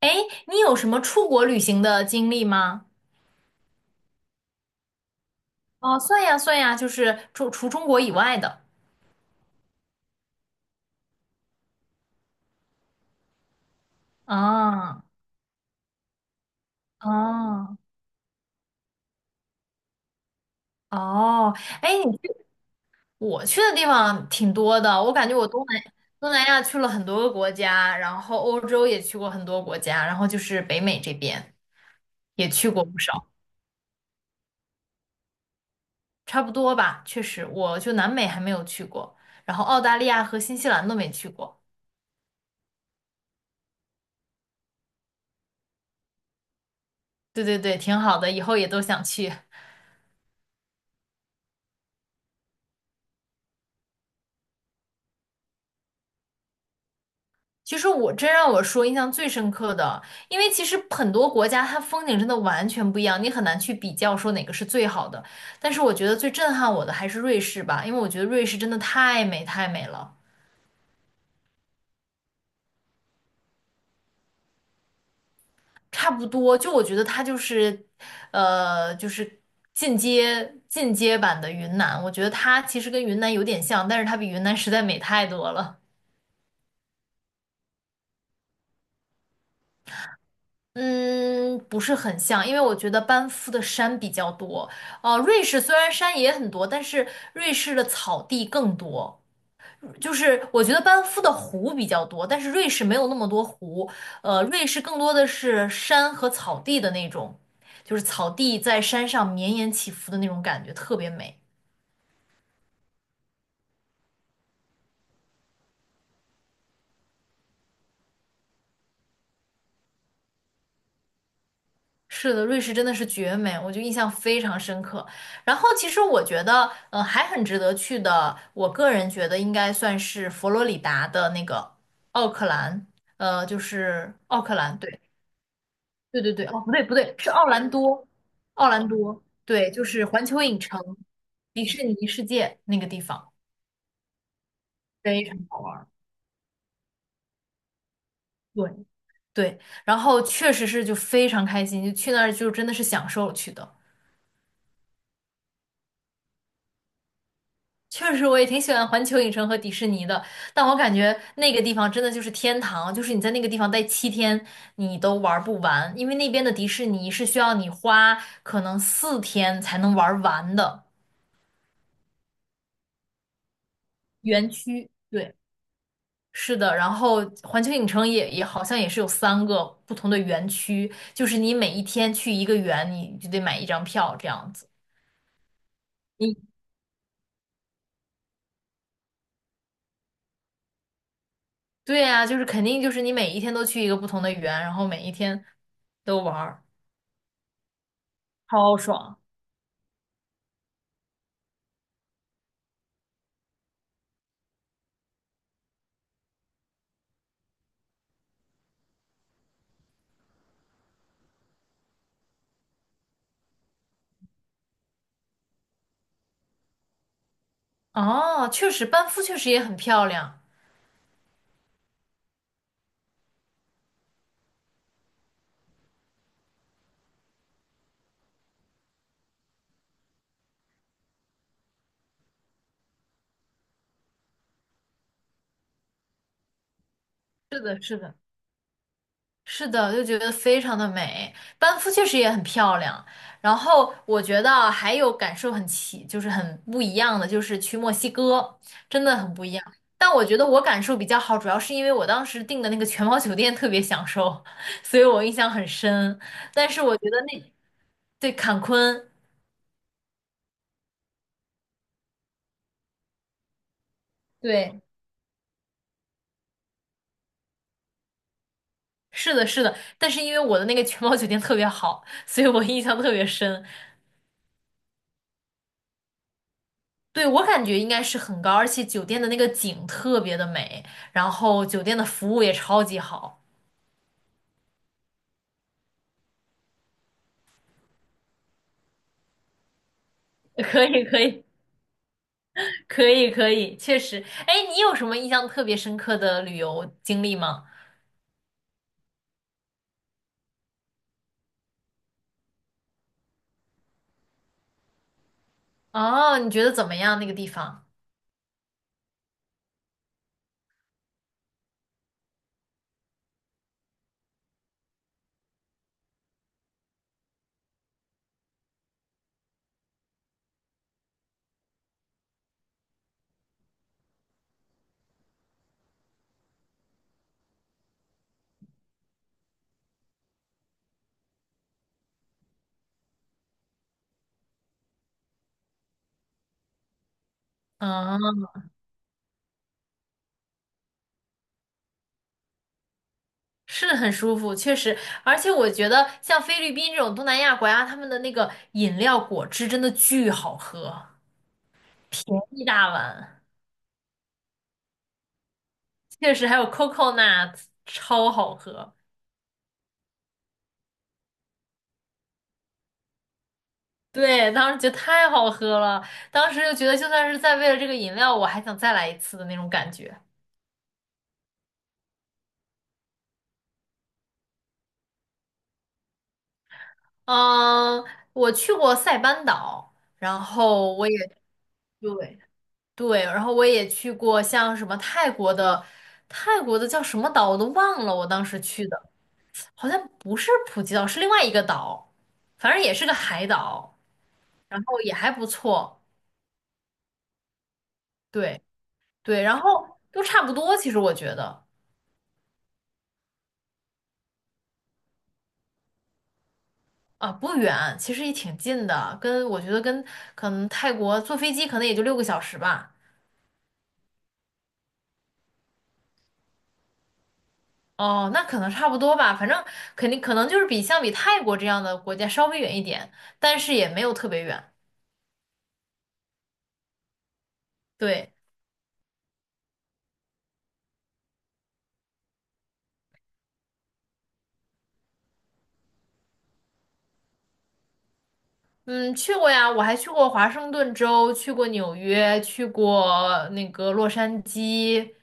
哎，你有什么出国旅行的经历吗？哦，算呀算呀，就是除中国以外的。啊啊哦，哎，我去的地方挺多的，我感觉我东南东南亚去了很多个国家，然后欧洲也去过很多国家，然后就是北美这边也去过不少，差不多吧。确实，我就南美还没有去过，然后澳大利亚和新西兰都没去过。对对对，挺好的，以后也都想去。其实我真让我说印象最深刻的，因为其实很多国家它风景真的完全不一样，你很难去比较说哪个是最好的。但是我觉得最震撼我的还是瑞士吧，因为我觉得瑞士真的太美太美了，差不多就我觉得它就是，就是进阶版的云南，我觉得它其实跟云南有点像，但是它比云南实在美太多了。嗯，不是很像，因为我觉得班夫的山比较多。呃，瑞士虽然山也很多，但是瑞士的草地更多。就是我觉得班夫的湖比较多，但是瑞士没有那么多湖。呃，瑞士更多的是山和草地的那种，就是草地在山上绵延起伏的那种感觉，特别美。是的，瑞士真的是绝美，我就印象非常深刻。然后其实我觉得，还很值得去的，我个人觉得应该算是佛罗里达的那个奥克兰，呃，就是奥克兰，对，对对对，哦，不对不对，是奥兰多，奥兰多，对，就是环球影城、迪士尼世界那个地方，非常好玩儿。对对，然后确实是就非常开心，就去那儿就真的是享受去的。确实，我也挺喜欢环球影城和迪士尼的，但我感觉那个地方真的就是天堂，就是你在那个地方待7天，你都玩不完，因为那边的迪士尼是需要你花可能4天才能玩完的园区。对，是的，然后环球影城也好像也是有3个不同的园区，就是你每一天去一个园，你就得买一张票这样子。你对呀，就是肯定就是你每一天都去一个不同的园，然后每一天都玩儿，超爽。哦，确实，班夫确实也很漂亮。是的，是的，是的，就觉得非常的美。班夫确实也很漂亮。然后我觉得啊还有感受很奇，就是很不一样的，就是去墨西哥，真的很不一样。但我觉得我感受比较好，主要是因为我当时订的那个全包酒店特别享受，所以我印象很深。但是我觉得那，对，坎昆，对，是的，是的。但是因为我的那个全包酒店特别好，所以我印象特别深。对，我感觉应该是很高，而且酒店的那个景特别的美，然后酒店的服务也超级好。可以，可以，可以，可以，确实。哎，你有什么印象特别深刻的旅游经历吗？哦，你觉得怎么样那个地方？嗯，是很舒服，确实。而且我觉得像菲律宾这种东南亚国家，他们的那个饮料果汁真的巨好喝，便宜大碗，确实还有 coconut 超好喝。对，当时觉得太好喝了，当时就觉得就算是再为了这个饮料，我还想再来一次的那种感觉。嗯，我去过塞班岛，然后我也对对，然后我也去过像什么泰国的，泰国的叫什么岛我都忘了，我当时去的好像不是普吉岛，是另外一个岛，反正也是个海岛，然后也还不错，对对，然后都差不多，其实我觉得。啊，不远，其实也挺近的，我觉得跟可能泰国坐飞机可能也就6个小时吧。哦，那可能差不多吧，反正肯定可能就是比相比泰国这样的国家稍微远一点，但是也没有特别远。对。嗯，去过呀，我还去过华盛顿州，去过纽约，去过那个洛杉矶，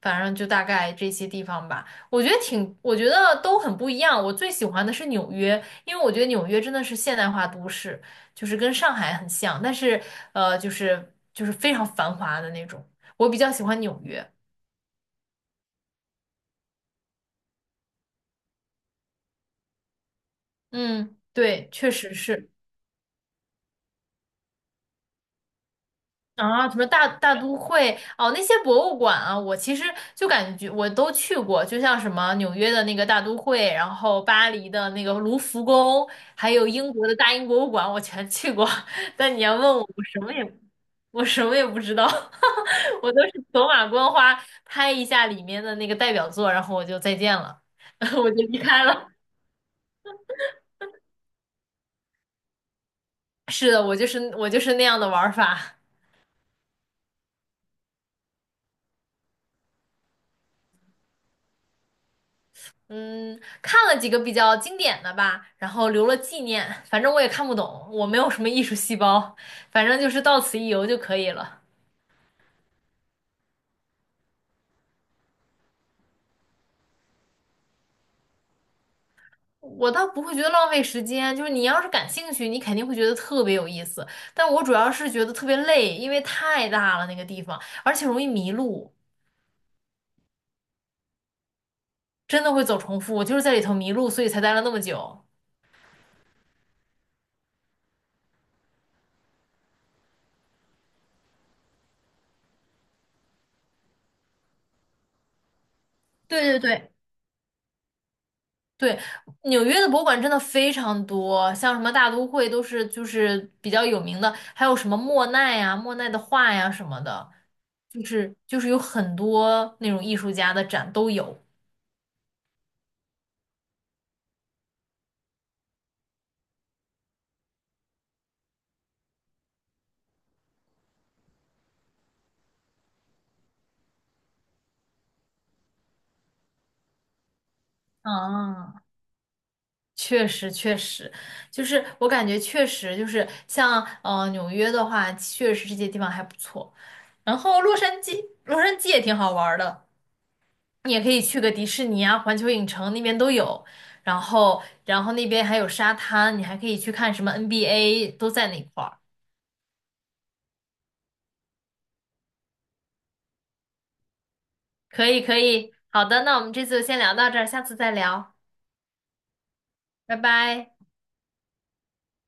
反正就大概这些地方吧。我觉得挺，我觉得都很不一样。我最喜欢的是纽约，因为我觉得纽约真的是现代化都市，就是跟上海很像，但是就是非常繁华的那种。我比较喜欢纽约。嗯，对，确实是。啊，什么大都会哦，那些博物馆啊，我其实就感觉我都去过，就像什么纽约的那个大都会，然后巴黎的那个卢浮宫，还有英国的大英博物馆，我全去过。但你要问我，我什么也不知道，我都是走马观花拍一下里面的那个代表作，然后我就再见了，我就离开了。是的，我就是那样的玩儿法。嗯，看了几个比较经典的吧，然后留了纪念。反正我也看不懂，我没有什么艺术细胞，反正就是到此一游就可以了。我倒不会觉得浪费时间，就是你要是感兴趣，你肯定会觉得特别有意思。但我主要是觉得特别累，因为太大了那个地方，而且容易迷路，真的会走重复。我就是在里头迷路，所以才待了那么久。对对对，对，纽约的博物馆真的非常多，像什么大都会都是就是比较有名的，还有什么莫奈呀、莫奈的画呀什么的，就是有很多那种艺术家的展都有。啊，确实确实，就是我感觉确实就是像呃纽约的话，确实这些地方还不错，然后洛杉矶，洛杉矶也挺好玩儿的。你也可以去个迪士尼啊、环球影城那边都有，然后那边还有沙滩，你还可以去看什么 NBA 都在那块儿。可以可以，好的，那我们这次就先聊到这儿，下次再聊，拜拜。